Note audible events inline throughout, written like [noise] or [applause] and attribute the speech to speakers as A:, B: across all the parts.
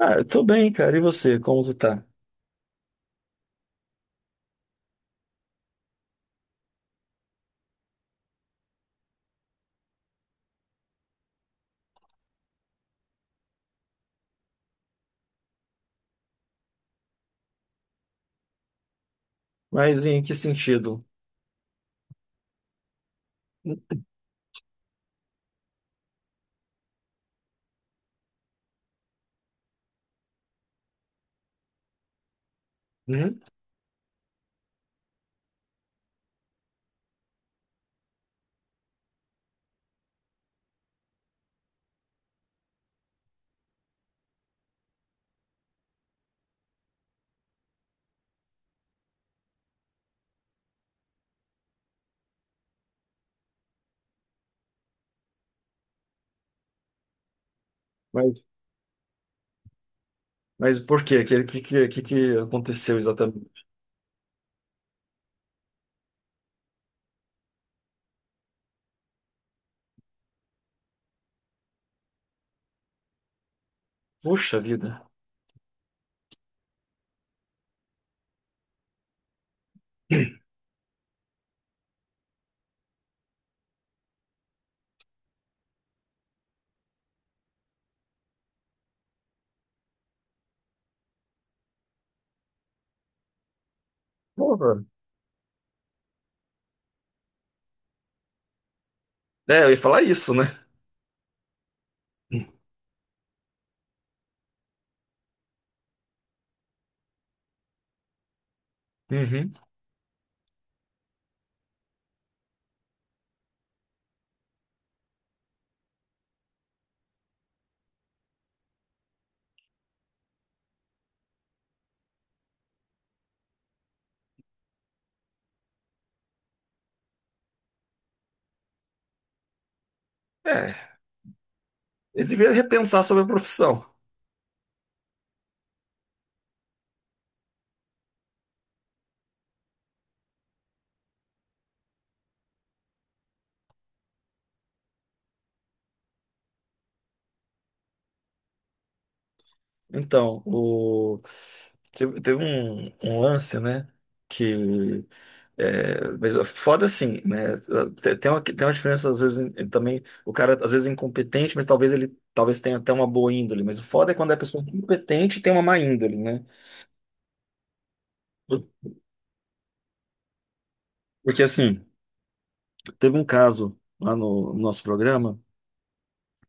A: Ah, eu tô bem, cara. E você, como tu tá? Mas em que sentido? Hum? Mas, mas por quê? Que que aconteceu exatamente? Puxa vida. Porra. É, eu ia falar isso, né? Hum. Uhum. É, ele devia repensar sobre a profissão. Então, teve um, lance, né? Que. É, mas é foda assim, né? Tem uma diferença, às vezes, também. O cara, às vezes, é incompetente, mas talvez ele talvez tenha até uma boa índole. Mas o foda é quando é pessoa é competente e tem uma má índole, né? Por- Porque, assim, teve um caso lá no nosso programa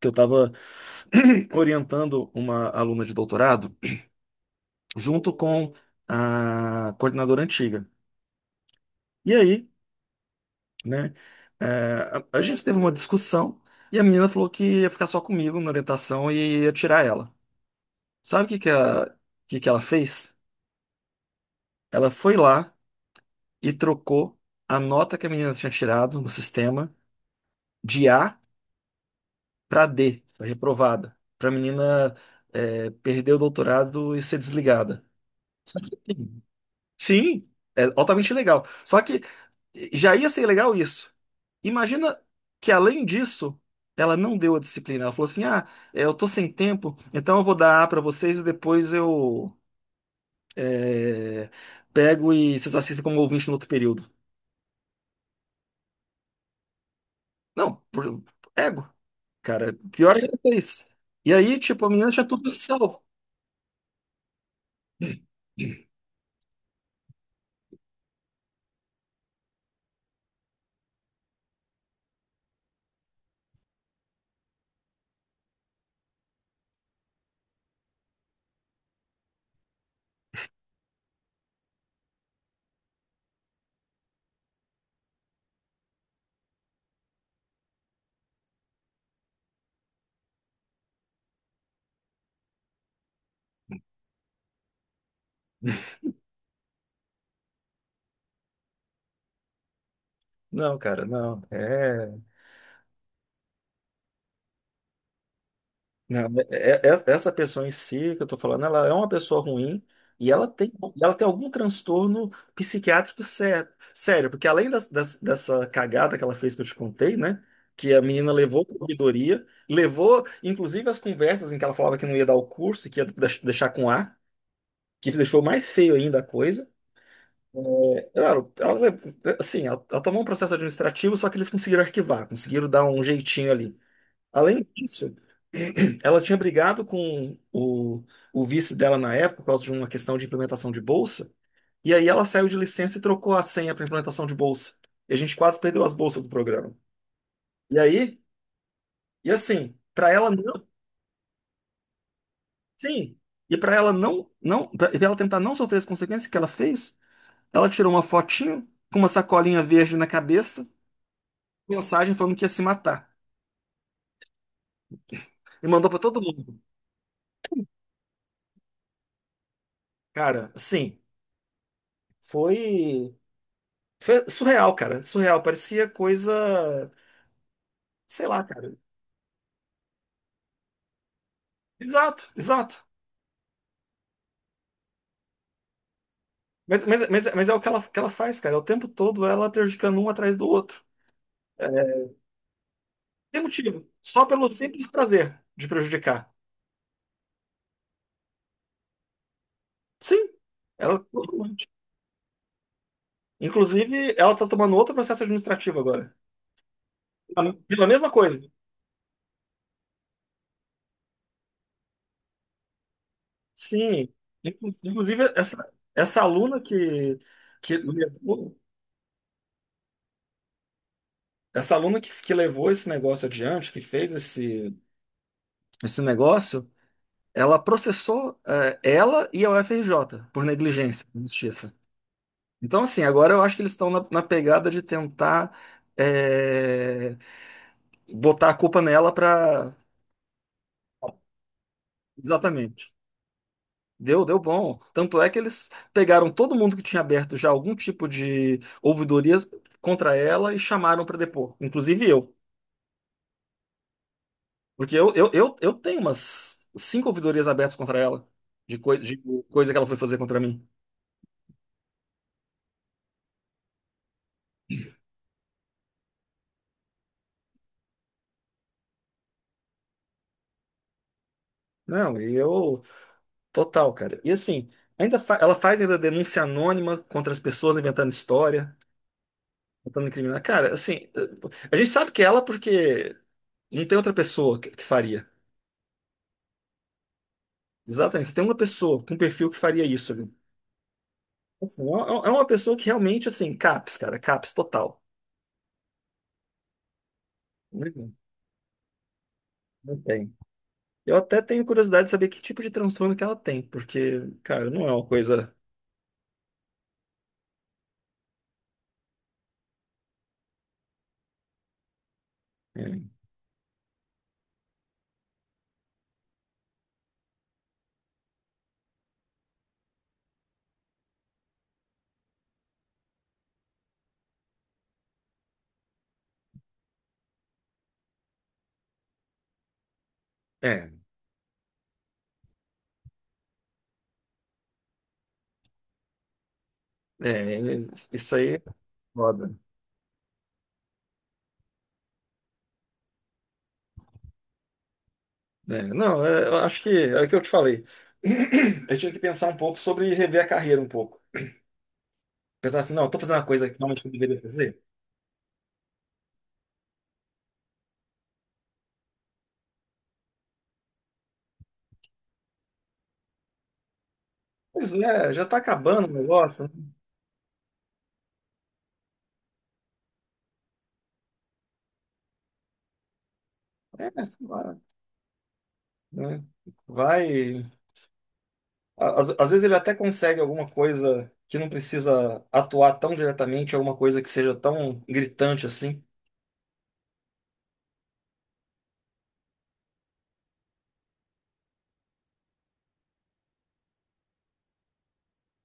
A: que eu tava [clears throat] orientando uma aluna de doutorado junto com a coordenadora antiga. E aí. Né? É, a gente teve uma discussão e a menina falou que ia ficar só comigo na orientação e ia tirar ela. Sabe o que que, que ela fez? Ela foi lá e trocou a nota que a menina tinha tirado no sistema de A para D, pra reprovada, para a menina perder o doutorado e ser desligada. Só que, assim, sim, é altamente legal. Só que já ia ser legal isso. Imagina que, além disso, ela não deu a disciplina. Ela falou assim: ah, eu tô sem tempo, então eu vou dar A pra vocês e depois eu é, pego e vocês assistem como ouvinte no outro período. Não, ego. Cara, pior ainda que isso. E aí, tipo, a menina tinha tudo salvo. Não, cara, não. É. Não, é, essa pessoa em si que eu tô falando, ela é uma pessoa ruim e ela tem algum transtorno psiquiátrico sério, sério, porque além dessa cagada que ela fez que eu te contei, né? Que a menina levou para ouvidoria, levou inclusive as conversas em que ela falava que não ia dar o curso, que ia deixar com A, que deixou mais feio ainda a coisa. É, claro, ela, assim, ela tomou um processo administrativo, só que eles conseguiram arquivar, conseguiram dar um jeitinho ali. Além disso, [clears throat] ela tinha brigado com o vice dela na época por causa de uma questão de implementação de bolsa, e aí ela saiu de licença e trocou a senha para implementação de bolsa. E a gente quase perdeu as bolsas do programa. E aí, e assim, para ela não, sim, e para ela não, não, para ela tentar não sofrer as consequências que ela fez, ela tirou uma fotinho com uma sacolinha verde na cabeça, mensagem falando que ia se matar e mandou para todo mundo. Cara, assim, foi Foi surreal, cara. Surreal. Parecia coisa. Sei lá, cara. Exato, exato. Mas é o que ela faz, cara. É, o tempo todo ela prejudicando um atrás do outro. É, tem motivo. Só pelo simples prazer de prejudicar. Sim. Ela. Inclusive, ela tá tomando outro processo administrativo agora. Pela mesma coisa. Sim. Inclusive, que levou, essa aluna que levou esse negócio adiante, que fez esse negócio. Ela processou ela e a UFRJ por negligência na justiça. Então, assim, agora eu acho que eles estão na pegada de tentar eh, botar a culpa nela para. Exatamente. Deu bom. Tanto é que eles pegaram todo mundo que tinha aberto já algum tipo de ouvidoria contra ela e chamaram para depor, inclusive eu. Porque eu tenho umas cinco ouvidorias abertas contra ela, de coisa que ela foi fazer contra mim. Não, e eu. Total, cara. E assim, ainda ela faz ainda denúncia anônima contra as pessoas inventando história, tentando incriminar. Cara, assim, a gente sabe que é ela porque não tem outra pessoa que faria. Exatamente, só tem uma pessoa com perfil que faria isso ali. Assim, é uma pessoa que realmente, assim, CAPS, cara, CAPS total. Não, não tem. Eu até tenho curiosidade de saber que tipo de transtorno que ela tem, porque, cara, não é uma coisa. É, é, é, isso aí é foda. É, não, é, eu acho que é o que eu te falei. [clears throat] Eu tive que pensar um pouco sobre rever a carreira um pouco. Pensar assim, não, eu tô fazendo uma coisa que realmente eu deveria fazer. Pois é, já tá acabando o negócio. Né? É, sei lá, né? Vai. Às vezes ele até consegue alguma coisa que não precisa atuar tão diretamente, alguma coisa que seja tão gritante assim.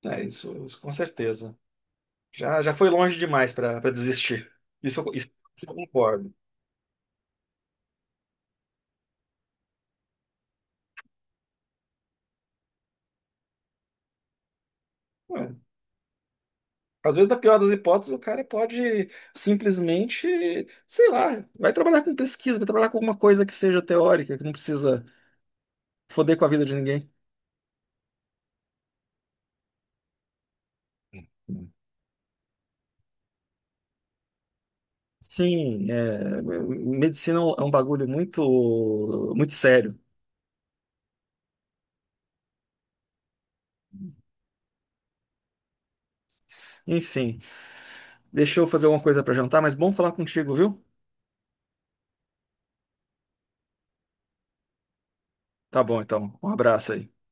A: É, isso com certeza. Já, já foi longe demais para desistir. Isso, isso, isso eu concordo. É. Às vezes, na pior das hipóteses, o cara pode simplesmente, sei lá, vai trabalhar com pesquisa, vai trabalhar com alguma coisa que seja teórica, que não precisa foder com a vida de ninguém. Sim, é, medicina é um bagulho muito, muito sério. Enfim, deixa eu fazer alguma coisa para jantar, mas bom falar contigo, viu? Tá bom, então. Um abraço aí.